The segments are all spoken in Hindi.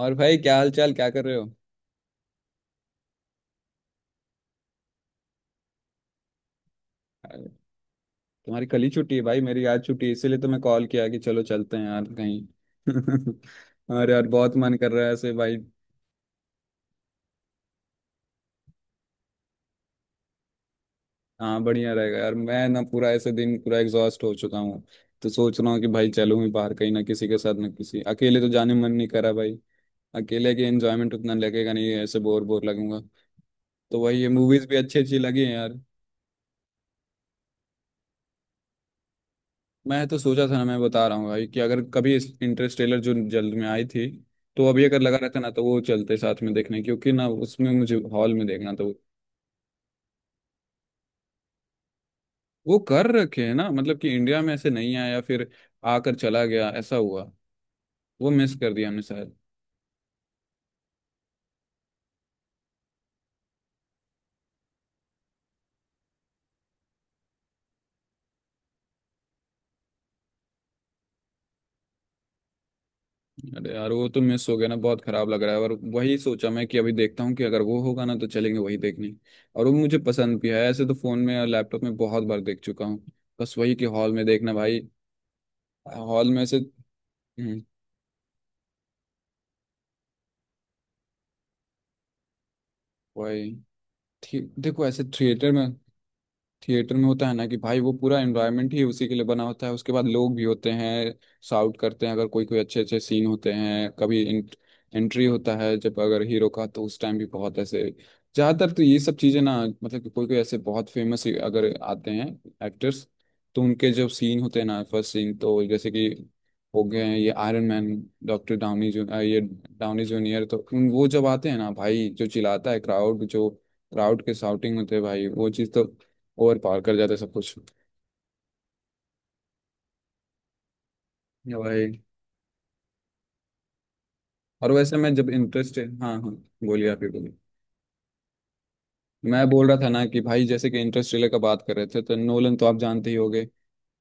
और भाई क्या हाल चाल, क्या कर रहे हो? अरे, तुम्हारी कल ही छुट्टी है भाई, मेरी आज छुट्टी है इसीलिए तो मैं कॉल किया कि चलो चलते हैं यार कहीं। और यार बहुत मन कर रहा है ऐसे भाई। हाँ बढ़िया रहेगा यार, मैं ना पूरा ऐसे दिन पूरा एग्जॉस्ट हो चुका हूँ। तो सोच रहा हूँ कि भाई चलूँ ही बाहर कहीं, ना किसी के साथ ना किसी, अकेले तो जाने मन नहीं करा भाई। अकेले के एंजॉयमेंट उतना लगेगा नहीं, ऐसे बोर बोर लगूंगा। तो वही, ये मूवीज भी अच्छी अच्छी लगी हैं यार। मैं तो सोचा था ना, मैं बता रहा हूँ भाई कि अगर कभी इस इंटरस्टेलर जो जल्द में आई थी, तो अभी अगर लगा रहता ना तो वो चलते साथ में देखने, क्योंकि ना उसमें मुझे हॉल में देखना था वो। वो कर रखे हैं ना, मतलब कि इंडिया में ऐसे नहीं आया, फिर आकर चला गया ऐसा हुआ। वो मिस कर दिया हमने शायद। अरे यार वो तो मिस हो गया ना, बहुत खराब लग रहा है। और वही सोचा मैं कि अभी देखता हूँ कि अगर वो होगा ना तो चलेंगे वही देखने। और वो मुझे पसंद भी है ऐसे, तो फोन में और लैपटॉप में बहुत बार देख चुका हूँ। बस वही कि हॉल में देखना भाई। हॉल में से। हम्म, वही। देखो ऐसे थिएटर में। थिएटर में होता है ना कि भाई, वो पूरा एनवायरनमेंट ही उसी के लिए बना होता है, उसके बाद लोग भी होते हैं, शाउट करते हैं अगर कोई कोई अच्छे अच्छे सीन होते हैं कभी। एंट्री होता है जब अगर हीरो का, तो उस टाइम भी बहुत ऐसे, ज़्यादातर तो ये सब चीज़ें ना, मतलब कि कोई कोई ऐसे बहुत फेमस अगर आते हैं एक्टर्स, तो उनके जो सीन होते हैं ना, फर्स्ट सीन। तो जैसे कि हो गए हैं ये आयरन मैन, डॉक्टर डाउनी, ये डाउनी जूनियर, तो वो जब आते हैं ना भाई, जो चिल्लाता है क्राउड, जो क्राउड के शाउटिंग होते हैं भाई, वो चीज़ तो और पार कर जाते सब कुछ। या भाई। और वैसे मैं जब इंटरेस्ट, हाँ हाँ बोलिए, आप ही बोलिए। मैं बोल रहा था ना कि भाई, जैसे कि इंटरेस्टेलर का बात कर रहे थे, तो नोलन तो आप जानते ही होंगे।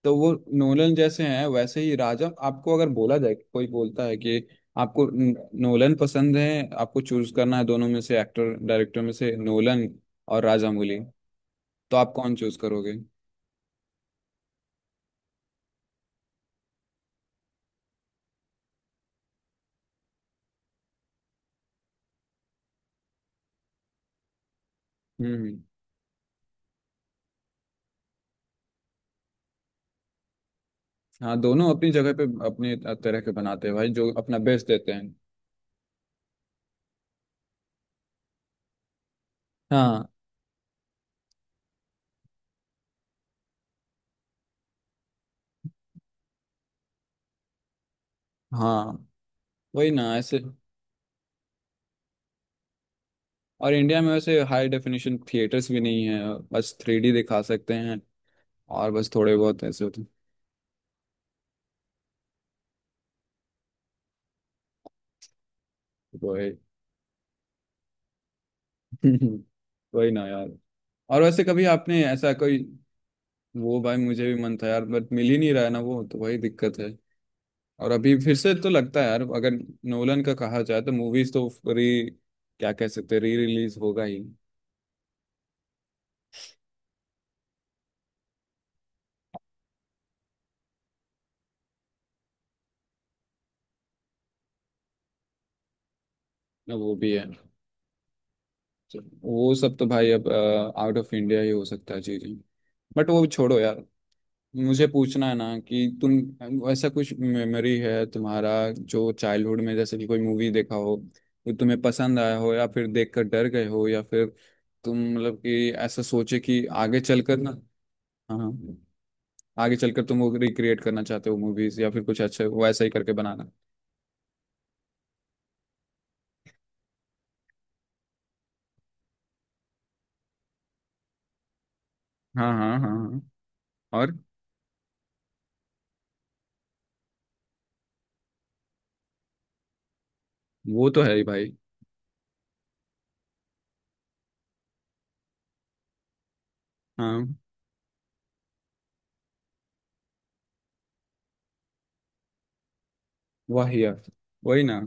तो वो, नोलन जैसे हैं वैसे ही राजा, आपको अगर बोला जाए, कोई बोलता है कि आपको नोलन पसंद है, आपको चूज करना है दोनों में से, एक्टर डायरेक्टर में से, नोलन और राजामौली, तो आप कौन चूज करोगे? हम्म। हाँ दोनों अपनी जगह पे अपने तरह के बनाते हैं भाई, जो अपना बेस्ट देते हैं। हाँ हाँ। वही ना ऐसे। और इंडिया में वैसे हाई डेफिनेशन थिएटर्स भी नहीं है, बस थ्री डी दिखा सकते हैं, और बस थोड़े बहुत ऐसे होते हैं। तो वही। वही ना यार। और वैसे कभी आपने ऐसा कोई। वो भाई मुझे भी मन था यार, बट मिल ही नहीं रहा है ना वो, तो वही दिक्कत है। और अभी फिर से तो लगता है यार अगर नोलन का कहा जाए, तो मूवीज तो री क्या कह सकते हैं, री रिलीज होगा ही। ना वो भी है। तो वो सब तो भाई अब आउट ऑफ इंडिया ही हो सकता है चीजें। बट वो छोड़ो यार, मुझे पूछना है ना कि तुम, ऐसा कुछ मेमोरी है तुम्हारा जो चाइल्डहुड में, जैसे कि कोई मूवी देखा हो जो तुम्हें पसंद आया हो, या फिर देखकर डर गए हो, या फिर तुम मतलब कि ऐसा सोचे कि आगे चलकर ना, हाँ हाँ, आगे चलकर तुम वो रिक्रिएट करना चाहते हो मूवीज, या फिर कुछ अच्छा वैसा ही करके बनाना। हाँ हाँ हाँ हाँ। और वो तो है ही भाई। हाँ। वही यार। वही ना।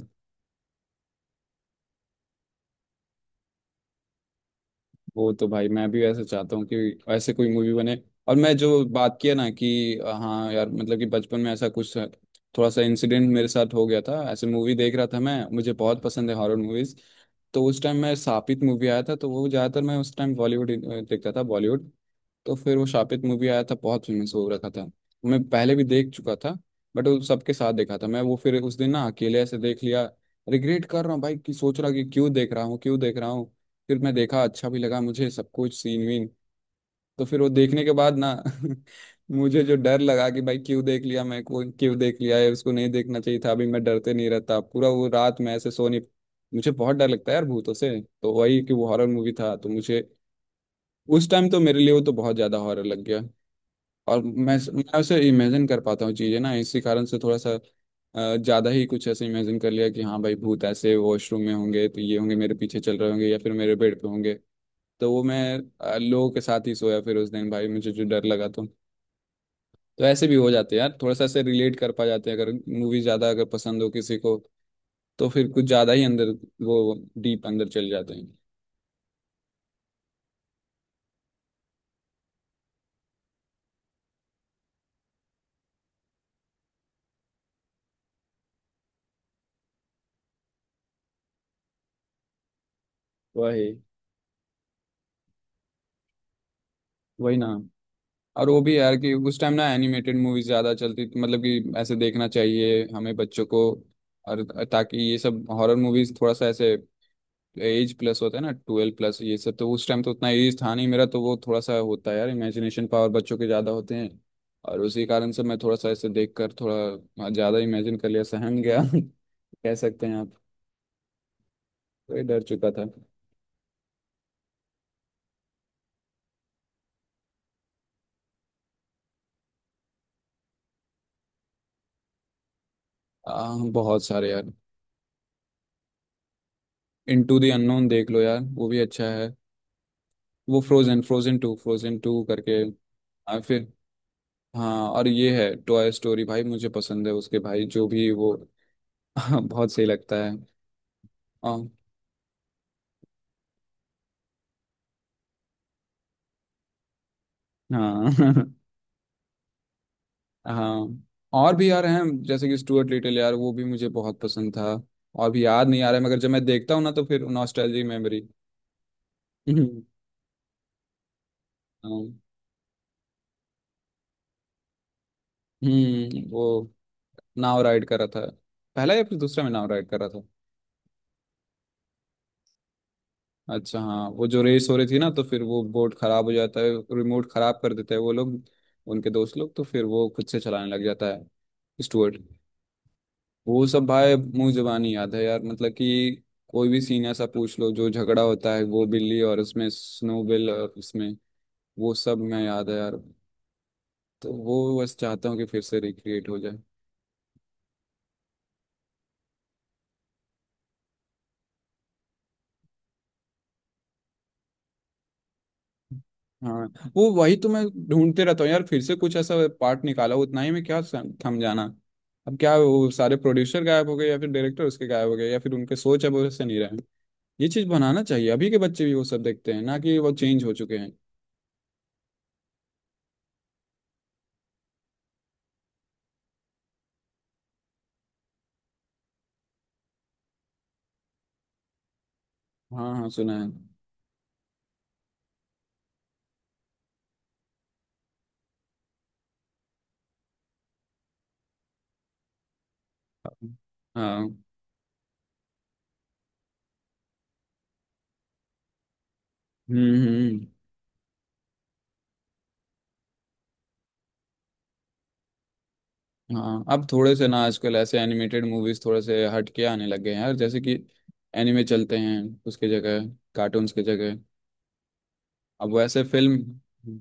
वो तो भाई मैं भी ऐसे चाहता हूँ कि ऐसे कोई मूवी बने। और मैं जो बात किया ना कि हाँ यार, मतलब कि बचपन में ऐसा कुछ थोड़ा सा इंसिडेंट मेरे साथ हो गया था। ऐसे मूवी देख रहा था मैं, मुझे बहुत पसंद है हॉरर मूवीज। तो उस टाइम मैं, सापित मूवी आया था, तो वो ज़्यादातर, मैं उस टाइम बॉलीवुड देखता था बॉलीवुड। तो फिर वो शापित मूवी आया था, बहुत फेमस हो रखा था। मैं पहले भी देख चुका था, बट वो सबके साथ देखा था मैं। वो फिर उस दिन ना अकेले ऐसे देख लिया। रिग्रेट कर रहा हूँ भाई, कि सोच रहा कि क्यों देख रहा हूँ क्यों देख रहा हूँ। फिर मैं देखा, अच्छा भी लगा मुझे सब कुछ, सीन वीन। तो फिर वो देखने के बाद ना मुझे जो डर लगा कि भाई क्यों देख लिया, मैं को क्यों देख लिया है, उसको नहीं देखना चाहिए था, अभी मैं डरते नहीं रहता, पूरा वो रात मैं ऐसे सो नहीं। मुझे बहुत डर लगता है यार भूतों से, तो वही कि वो हॉरर मूवी था, तो मुझे उस टाइम तो मेरे लिए वो तो बहुत ज्यादा हॉरर लग गया। और मैं उसे इमेजिन कर पाता हूँ चीजें ना, इसी कारण से थोड़ा सा ज्यादा ही कुछ ऐसे इमेजिन कर लिया कि हाँ भाई, भूत ऐसे वॉशरूम में होंगे तो, ये होंगे मेरे पीछे चल रहे होंगे, या फिर मेरे बेड पे होंगे। तो वो मैं लोगों के साथ ही सोया फिर उस दिन भाई, मुझे जो डर लगा तो। तो ऐसे भी हो जाते हैं यार, थोड़ा सा ऐसे रिलेट कर पा जाते हैं अगर मूवी ज्यादा अगर पसंद हो किसी को, तो फिर कुछ ज्यादा ही अंदर, वो डीप अंदर चल जाते हैं। वही। वही ना। और वो भी यार कि उस टाइम ना एनिमेटेड मूवीज ज्यादा चलती थी, मतलब कि ऐसे देखना चाहिए हमें बच्चों को। और ताकि ये सब हॉरर मूवीज थोड़ा सा ऐसे, एज प्लस होता है ना, ट्वेल्व प्लस, ये सब तो उस टाइम तो उतना एज था नहीं मेरा, तो वो थोड़ा सा होता है यार इमेजिनेशन पावर, बच्चों के ज्यादा होते हैं। और उसी कारण से मैं थोड़ा सा ऐसे देख कर थोड़ा ज्यादा इमेजिन कर लिया, सहम गया कह सकते हैं आप। तो ये डर चुका था। बहुत सारे यार। इन टू दी अननोन देख लो यार, वो भी अच्छा है। वो Frozen, Frozen two, Frozen two करके फिर, हाँ। और ये है टॉय स्टोरी भाई, मुझे पसंद है, उसके भाई जो भी वो बहुत सही लगता है। और हाँ हाँ। और भी यार हैं, जैसे कि स्टुअर्ट लिटिल यार, वो भी मुझे बहुत पसंद था। और भी याद नहीं आ रहा है मगर जब मैं देखता हूँ ना तो फिर नॉस्टैल्जिक मेमोरी। हम्म। हाँ। हम्म। वो नाव राइड कर रहा था। पहला या फिर दूसरा में नाव राइड कर रहा था। अच्छा हाँ, वो जो रेस हो रही थी ना, तो फिर वो बोर्ड खराब हो जाता है, रिमोट खराब कर देते हैं वो लोग, उनके दोस्त लोग, तो फिर वो खुद से चलाने लग जाता है, स्टुअर्ट। वो सब भाई मुंह जुबानी याद है यार, मतलब कि कोई भी सीन ऐसा पूछ लो, जो झगड़ा होता है वो बिल्ली, और उसमें स्नोबिल, और उसमें वो सब मैं याद है यार। तो वो बस चाहता हूँ कि फिर से रिक्रिएट हो जाए। हाँ। वो वही तो मैं ढूंढते रहता हूँ यार, फिर से कुछ ऐसा पार्ट निकाला उतना ही में, क्या थम जाना? अब क्या वो सारे प्रोड्यूसर गायब हो गए, या फिर डायरेक्टर उसके गायब हो गए, या फिर उनके सोच अब वैसे नहीं रहे। ये चीज बनाना चाहिए, अभी के बच्चे भी वो सब देखते हैं ना, कि वो चेंज हो चुके हैं। हाँ हाँ सुना है। हाँ। हम्म। हाँ अब थोड़े से ना आजकल ऐसे एनिमेटेड मूवीज थोड़े से हटके आने लग गए हैं यार, जैसे कि एनिमे चलते हैं उसके जगह, कार्टून्स की जगह। अब वैसे फिल्म,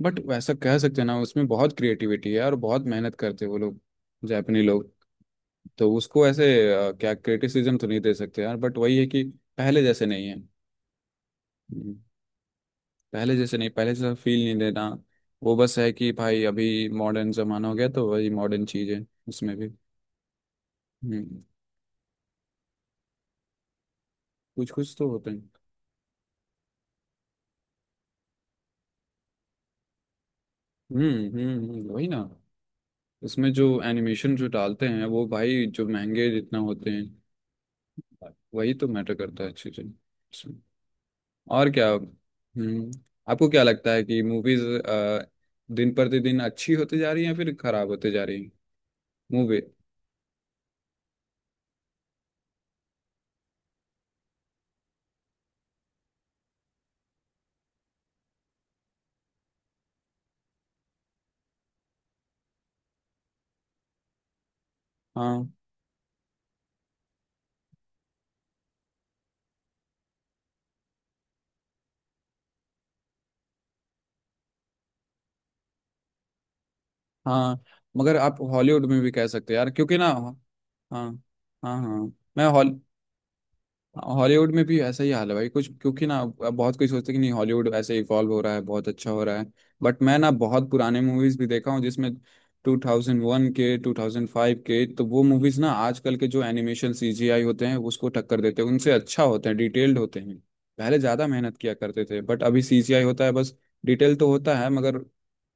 बट वैसा कह सकते हैं ना, उसमें बहुत क्रिएटिविटी है और बहुत मेहनत करते हैं वो लोग, जापानी लोग। तो उसको ऐसे क्या क्रिटिसिज्म तो नहीं दे सकते यार, बट वही है कि पहले जैसे नहीं है। हम्म। पहले जैसे नहीं, पहले जैसा फील नहीं देना। वो बस है कि भाई, अभी मॉडर्न जमाना हो गया, तो वही मॉडर्न चीज है उसमें भी। हम्म। कुछ कुछ तो होते हैं। वही ना। उसमें जो एनिमेशन जो डालते हैं वो भाई, जो महंगे जितना होते हैं वही तो मैटर करता है चीजें। और क्या। हम्म। आपको क्या लगता है कि मूवीज दिन प्रतिदिन अच्छी होती जा रही है या फिर खराब होती जा रही है? मूवी। हाँ हाँ। मगर आप हॉलीवुड में भी कह सकते हैं यार, क्योंकि ना, हाँ। हाँ हाँ हाँ। मैं हॉल, हॉलीवुड में भी ऐसा ही हाल है भाई कुछ, क्योंकि ना, अब बहुत कोई सोचते हैं कि नहीं हॉलीवुड ऐसे इवॉल्व हो रहा है, बहुत अच्छा हो रहा है। बट मैं ना बहुत पुराने मूवीज भी देखा हूँ जिसमें 2001 के 2005 के, तो वो मूवीज ना, आजकल के जो एनिमेशन सीजीआई होते हैं उसको टक्कर देते हैं, उनसे अच्छा होते हैं, डिटेल्ड होते हैं। पहले ज्यादा मेहनत किया करते थे, बट अभी सीजीआई होता है बस। डिटेल तो होता है मगर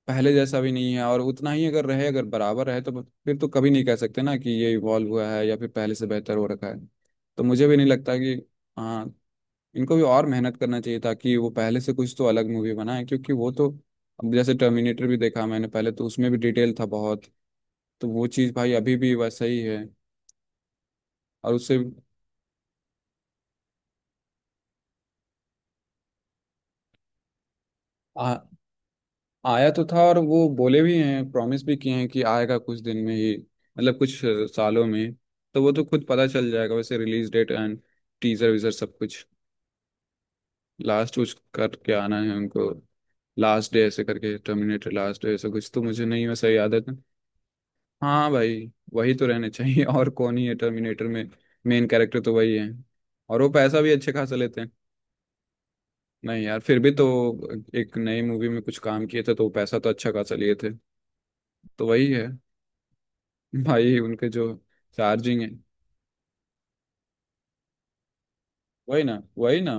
पहले जैसा भी नहीं है। और उतना ही अगर रहे, अगर बराबर रहे, तो फिर तो कभी नहीं कह सकते ना कि ये इवॉल्व हुआ है, या फिर पहले से बेहतर हो रखा है। तो मुझे भी नहीं लगता कि, हाँ, इनको भी और मेहनत करना चाहिए ताकि वो पहले से कुछ तो अलग मूवी बनाए, क्योंकि वो तो, अब जैसे टर्मिनेटर भी देखा मैंने पहले, तो उसमें भी डिटेल था बहुत, तो वो चीज़ भाई अभी भी वैसा ही है। और उससे, आया तो था, और वो बोले भी हैं, प्रॉमिस भी किए हैं कि आएगा कुछ दिन में ही, मतलब कुछ सालों में। तो वो तो खुद पता चल जाएगा वैसे, रिलीज डेट एंड टीजर वीजर सब कुछ। लास्ट कुछ करके आना है उनको, लास्ट डे ऐसे करके, टर्मिनेटर लास्ट डे ऐसा कुछ, तो मुझे नहीं वैसा याद है। हाँ भाई वही तो रहने चाहिए और कौन ही है टर्मिनेटर में, मेन कैरेक्टर तो वही है। और वो पैसा भी अच्छे खासा लेते हैं। नहीं यार फिर भी तो, एक नई मूवी में कुछ काम किए थे तो वो पैसा तो अच्छा खासा लिए थे। तो वही है भाई, उनके जो चार्जिंग है। वही ना, वही ना।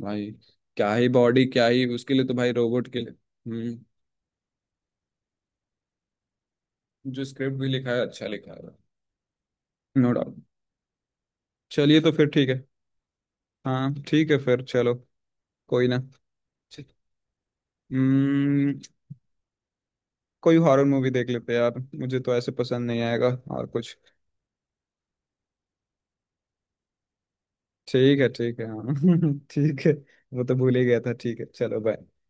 भाई क्या ही बॉडी, क्या ही, उसके लिए तो भाई, रोबोट के लिए। हम्म। जो स्क्रिप्ट भी लिखा है अच्छा लिखा है, नो डाउट। चलिए तो फिर ठीक है। हाँ ठीक है फिर चलो, कोई ना। हम्म। कोई हॉरर मूवी देख लेते हैं यार, मुझे तो ऐसे पसंद नहीं आएगा। और कुछ, ठीक है हाँ। ठीक है। वो तो भूल ही गया था, ठीक है चलो, बाय।